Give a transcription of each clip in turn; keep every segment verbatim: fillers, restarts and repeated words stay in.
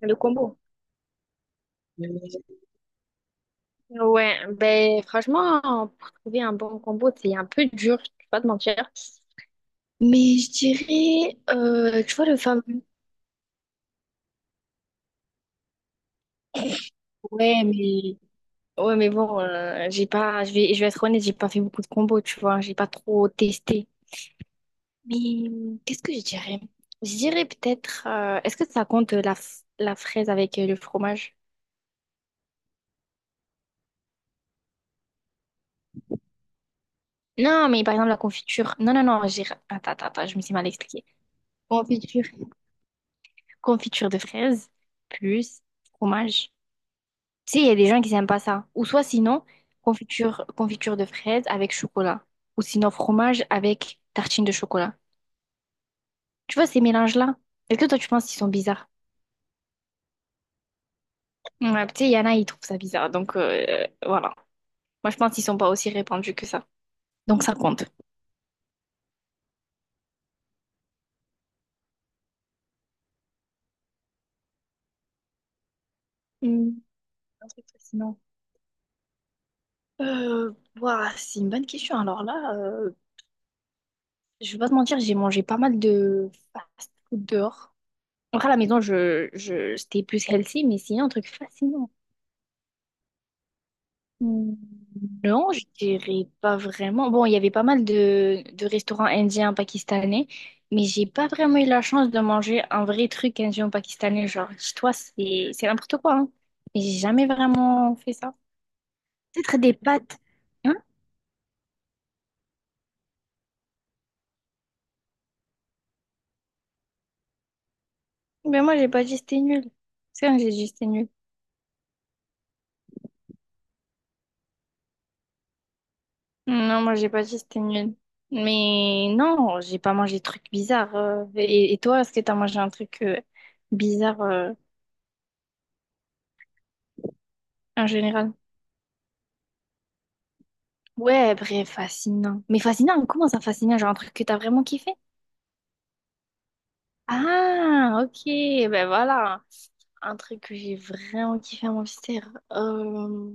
Le combo. Ouais, ben franchement, pour trouver un bon combo, c'est un peu dur, je vais pas te mentir. Mais je dirais, euh, tu vois, le fameux. Ouais, mais, ouais, mais bon, euh, j'ai pas, je vais, je vais être honnête, j'ai pas fait beaucoup de combos, tu vois, j'ai pas trop testé. Mais euh, qu'est-ce que je dirais? Je dirais peut-être, euh, est-ce que ça compte euh, la, f- la fraise avec euh, le fromage? Non, mais par exemple, la confiture. Non, non, non, j'ai. Attends, attends, attends, je me suis mal expliquée. Confiture. Confiture de fraise plus fromage. Tu sais, il y a des gens qui n'aiment pas ça. Ou soit sinon, confiture, confiture de fraises avec chocolat. Ou sinon, fromage avec tartine de chocolat. Tu vois, ces mélanges-là, est-ce que toi, tu penses qu'ils sont bizarres? Ouais, tu sais, il y en a, ils trouvent ça bizarre. Donc, euh, voilà. Moi, je pense qu'ils sont pas aussi répandus que ça. Donc, ça compte. Hmm, un truc fascinant. Euh, ouah, c'est une bonne question. Alors là, euh, je vais pas te mentir, j'ai mangé pas mal de fast-food dehors. Après, à la maison, je, je, c'était plus healthy, mais sinon, un truc fascinant. Hmm. Non, je dirais pas vraiment. Bon, il y avait pas mal de, de restaurants indiens, pakistanais, mais j'ai pas vraiment eu la chance de manger un vrai truc indien, pakistanais. Genre, chez toi, c'est c'est n'importe quoi, hein. Mais j'ai jamais vraiment fait ça. Peut-être des pâtes. Hein? Mais moi, j'ai pas dit c'était nul. C'est vrai que j'ai dit c'était nul. Non, moi, j'ai pas dit c'était nul. Mais non, j'ai pas mangé de trucs bizarres. euh. Et, et toi, est-ce que t'as mangé un truc euh, bizarre euh, en général? Ouais, bref, fascinant. Mais fascinant, comment ça fascinant? Genre un truc que t'as vraiment kiffé? Ah, ok, ben voilà. Un truc que j'ai vraiment kiffé à mon dessert. Euh,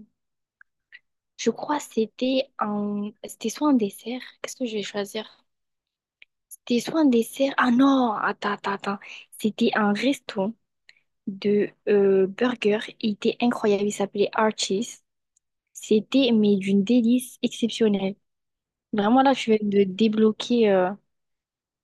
je crois que c'était un... C'était soit un dessert. Qu'est-ce que je vais choisir? C'était soit un dessert. Ah non, attends, attends, attends. C'était un resto de euh, burger. Il était incroyable. Il s'appelait Archie's. C'était, mais d'une délice exceptionnelle. Vraiment, là, je viens de débloquer. euh,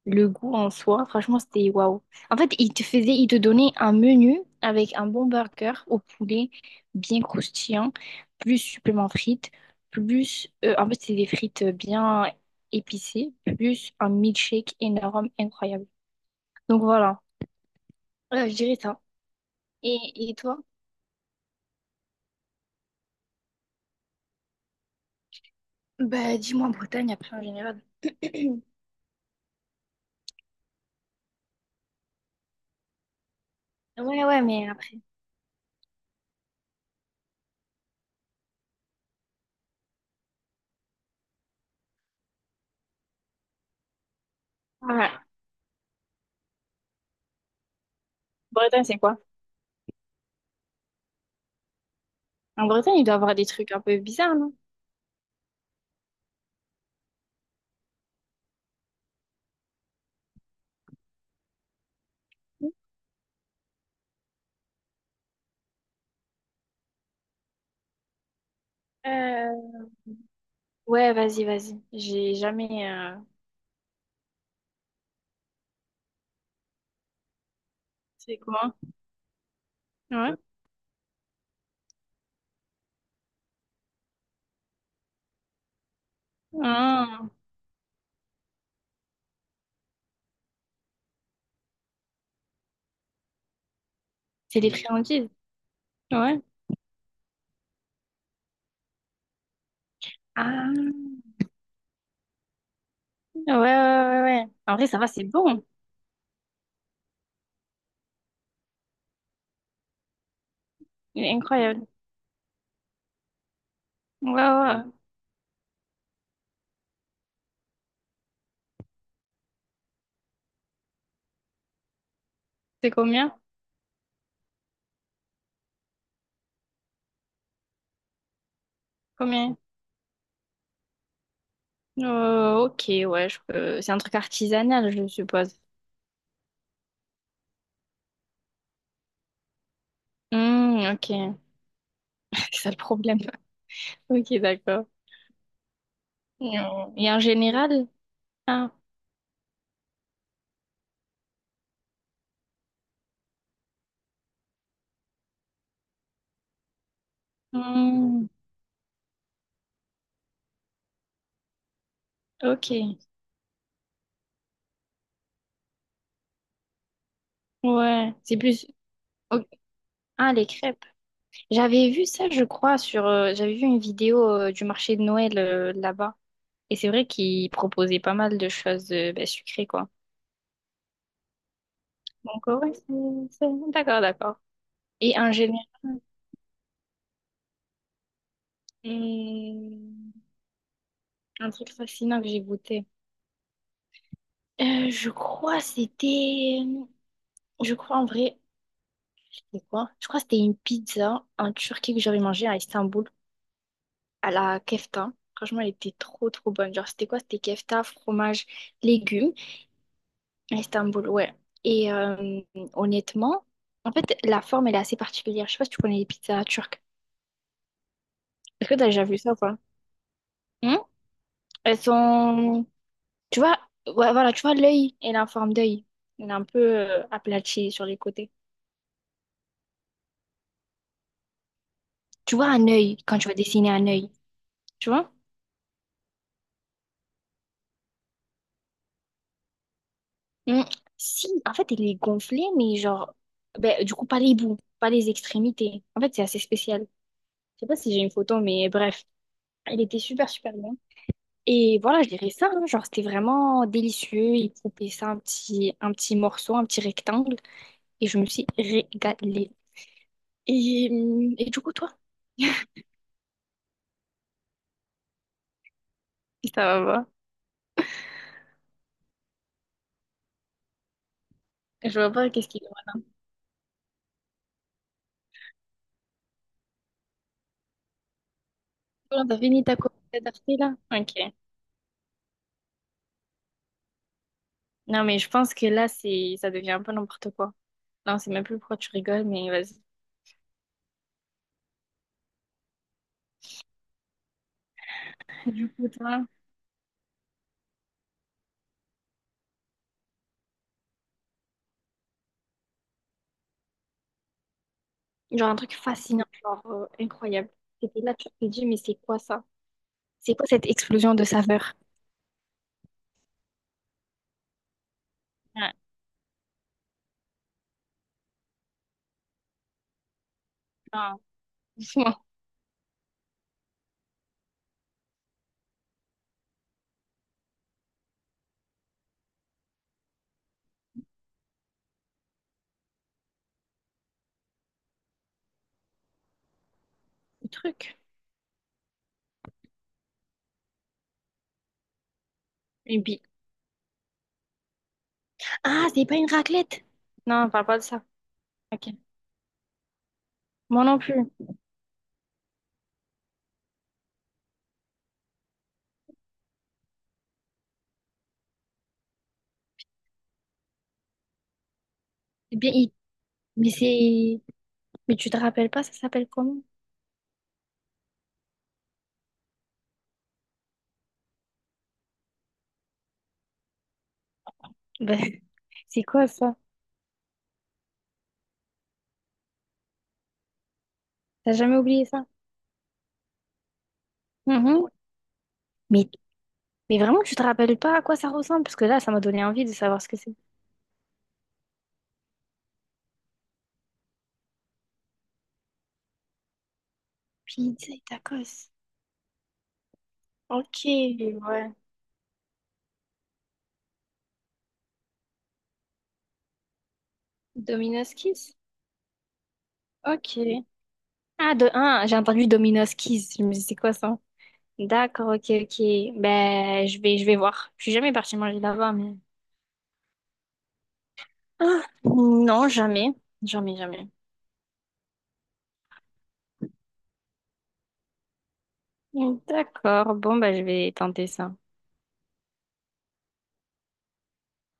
Le goût en soi, franchement, c'était waouh. En fait, il te faisait, il te donnait un menu avec un bon burger au poulet, bien croustillant, plus supplément frites, plus, euh, en fait, c'est des frites bien épicées, plus un milkshake énorme, incroyable. Donc voilà. Euh, je dirais ça. Et, et toi? Bah, dis-moi en Bretagne après en général. Ouais, ouais, mais après. Ouais. Bretagne, c'est quoi? En Bretagne, il doit y avoir des trucs un peu bizarres, non? Euh, ouais, vas-y, vas-y. J'ai jamais. C'est quoi? Ouais. Ah, c'est des friandises. Ouais. Ah, ouais, ouais, ouais, ouais. En vrai, ça va, c'est bon. Il est incroyable. Ouais, ouais. C'est combien? Combien? Euh, ok, ouais, je peux... C'est un truc artisanal, je suppose. Hmm, ok. C'est ça le problème. Ok, d'accord. Non. Et en général? Ah, hmm, ok. Ouais, c'est plus... ok. Ah, les crêpes. J'avais vu ça, je crois, sur... euh, j'avais vu une vidéo euh, du marché de Noël euh, là-bas. Et c'est vrai qu'il proposait pas mal de choses euh, ben, sucrées, quoi. Donc, ouais, c'est... c'est- D'accord, d'accord. Et en général, c'est un truc fascinant que j'ai goûté. Euh, je crois c'était... Je crois en vrai... C'était quoi? Je crois que c'était une pizza en Turquie que j'avais mangée à Istanbul, à la kefta. Franchement, elle était trop, trop bonne. Genre, c'était quoi? C'était kefta, fromage, légumes, à Istanbul, ouais. Et euh, honnêtement, en fait, la forme, elle est assez particulière. Je sais pas si tu connais les pizzas turques. Est-ce que t'as déjà vu ça ou pas? Hmm. Elles sont... Tu vois, ouais, voilà, tu vois l'œil, elle est en forme d'œil. Elle est un peu euh, aplatie sur les côtés. Tu vois un œil quand tu vas dessiner un œil, tu vois? Hmm. Si, en fait, elle est gonflée, mais genre... Ben, du coup, pas les bouts, pas les extrémités. En fait, c'est assez spécial. Je sais pas si j'ai une photo, mais bref. Elle était super, super bien. Et voilà, je dirais ça, hein, genre c'était vraiment délicieux. Ils coupaient ça un petit, un petit morceau, un petit rectangle. Et je me suis régalée. Et, hum, et du coup, toi, ça va pas. Je vois pas qu'est-ce qu'il y a là. Bon, t'as fini ta copie d'Arte là? Ok. Non, mais je pense que là, c'est, ça devient un peu n'importe quoi. Non, c'est même plus pourquoi tu rigoles, mais vas-y. Écoute-moi. Genre un truc fascinant, genre euh, incroyable. C'était là, tu te dis, mais c'est quoi ça? C'est quoi cette explosion de saveurs? Ouais. Non, doucement. Le truc. Une bille. Ah, c'est pas une raclette! Non, on parle pas de ça. Ok. Moi non plus. Eh bien, il- mais c'est. Mais tu te rappelles pas, ça s'appelle comment? Ben, c'est quoi ça? T'as jamais oublié ça? Mhm. Mais, mais vraiment, tu te rappelles pas à quoi ça ressemble? Parce que là, ça m'a donné envie de savoir ce que c'est. Pizza et tacos. Ok, ouais. Domino's Kiss? Ok. Ah, de un, j'ai entendu Domino's Kiss. Je me dis, c'est quoi ça? D'accord, ok, ok. Ben, je vais, je vais voir. Je suis jamais partie manger là-bas, mais. Ah, non, jamais. Jamais, jamais. D'accord, bon, bah, je vais tenter ça.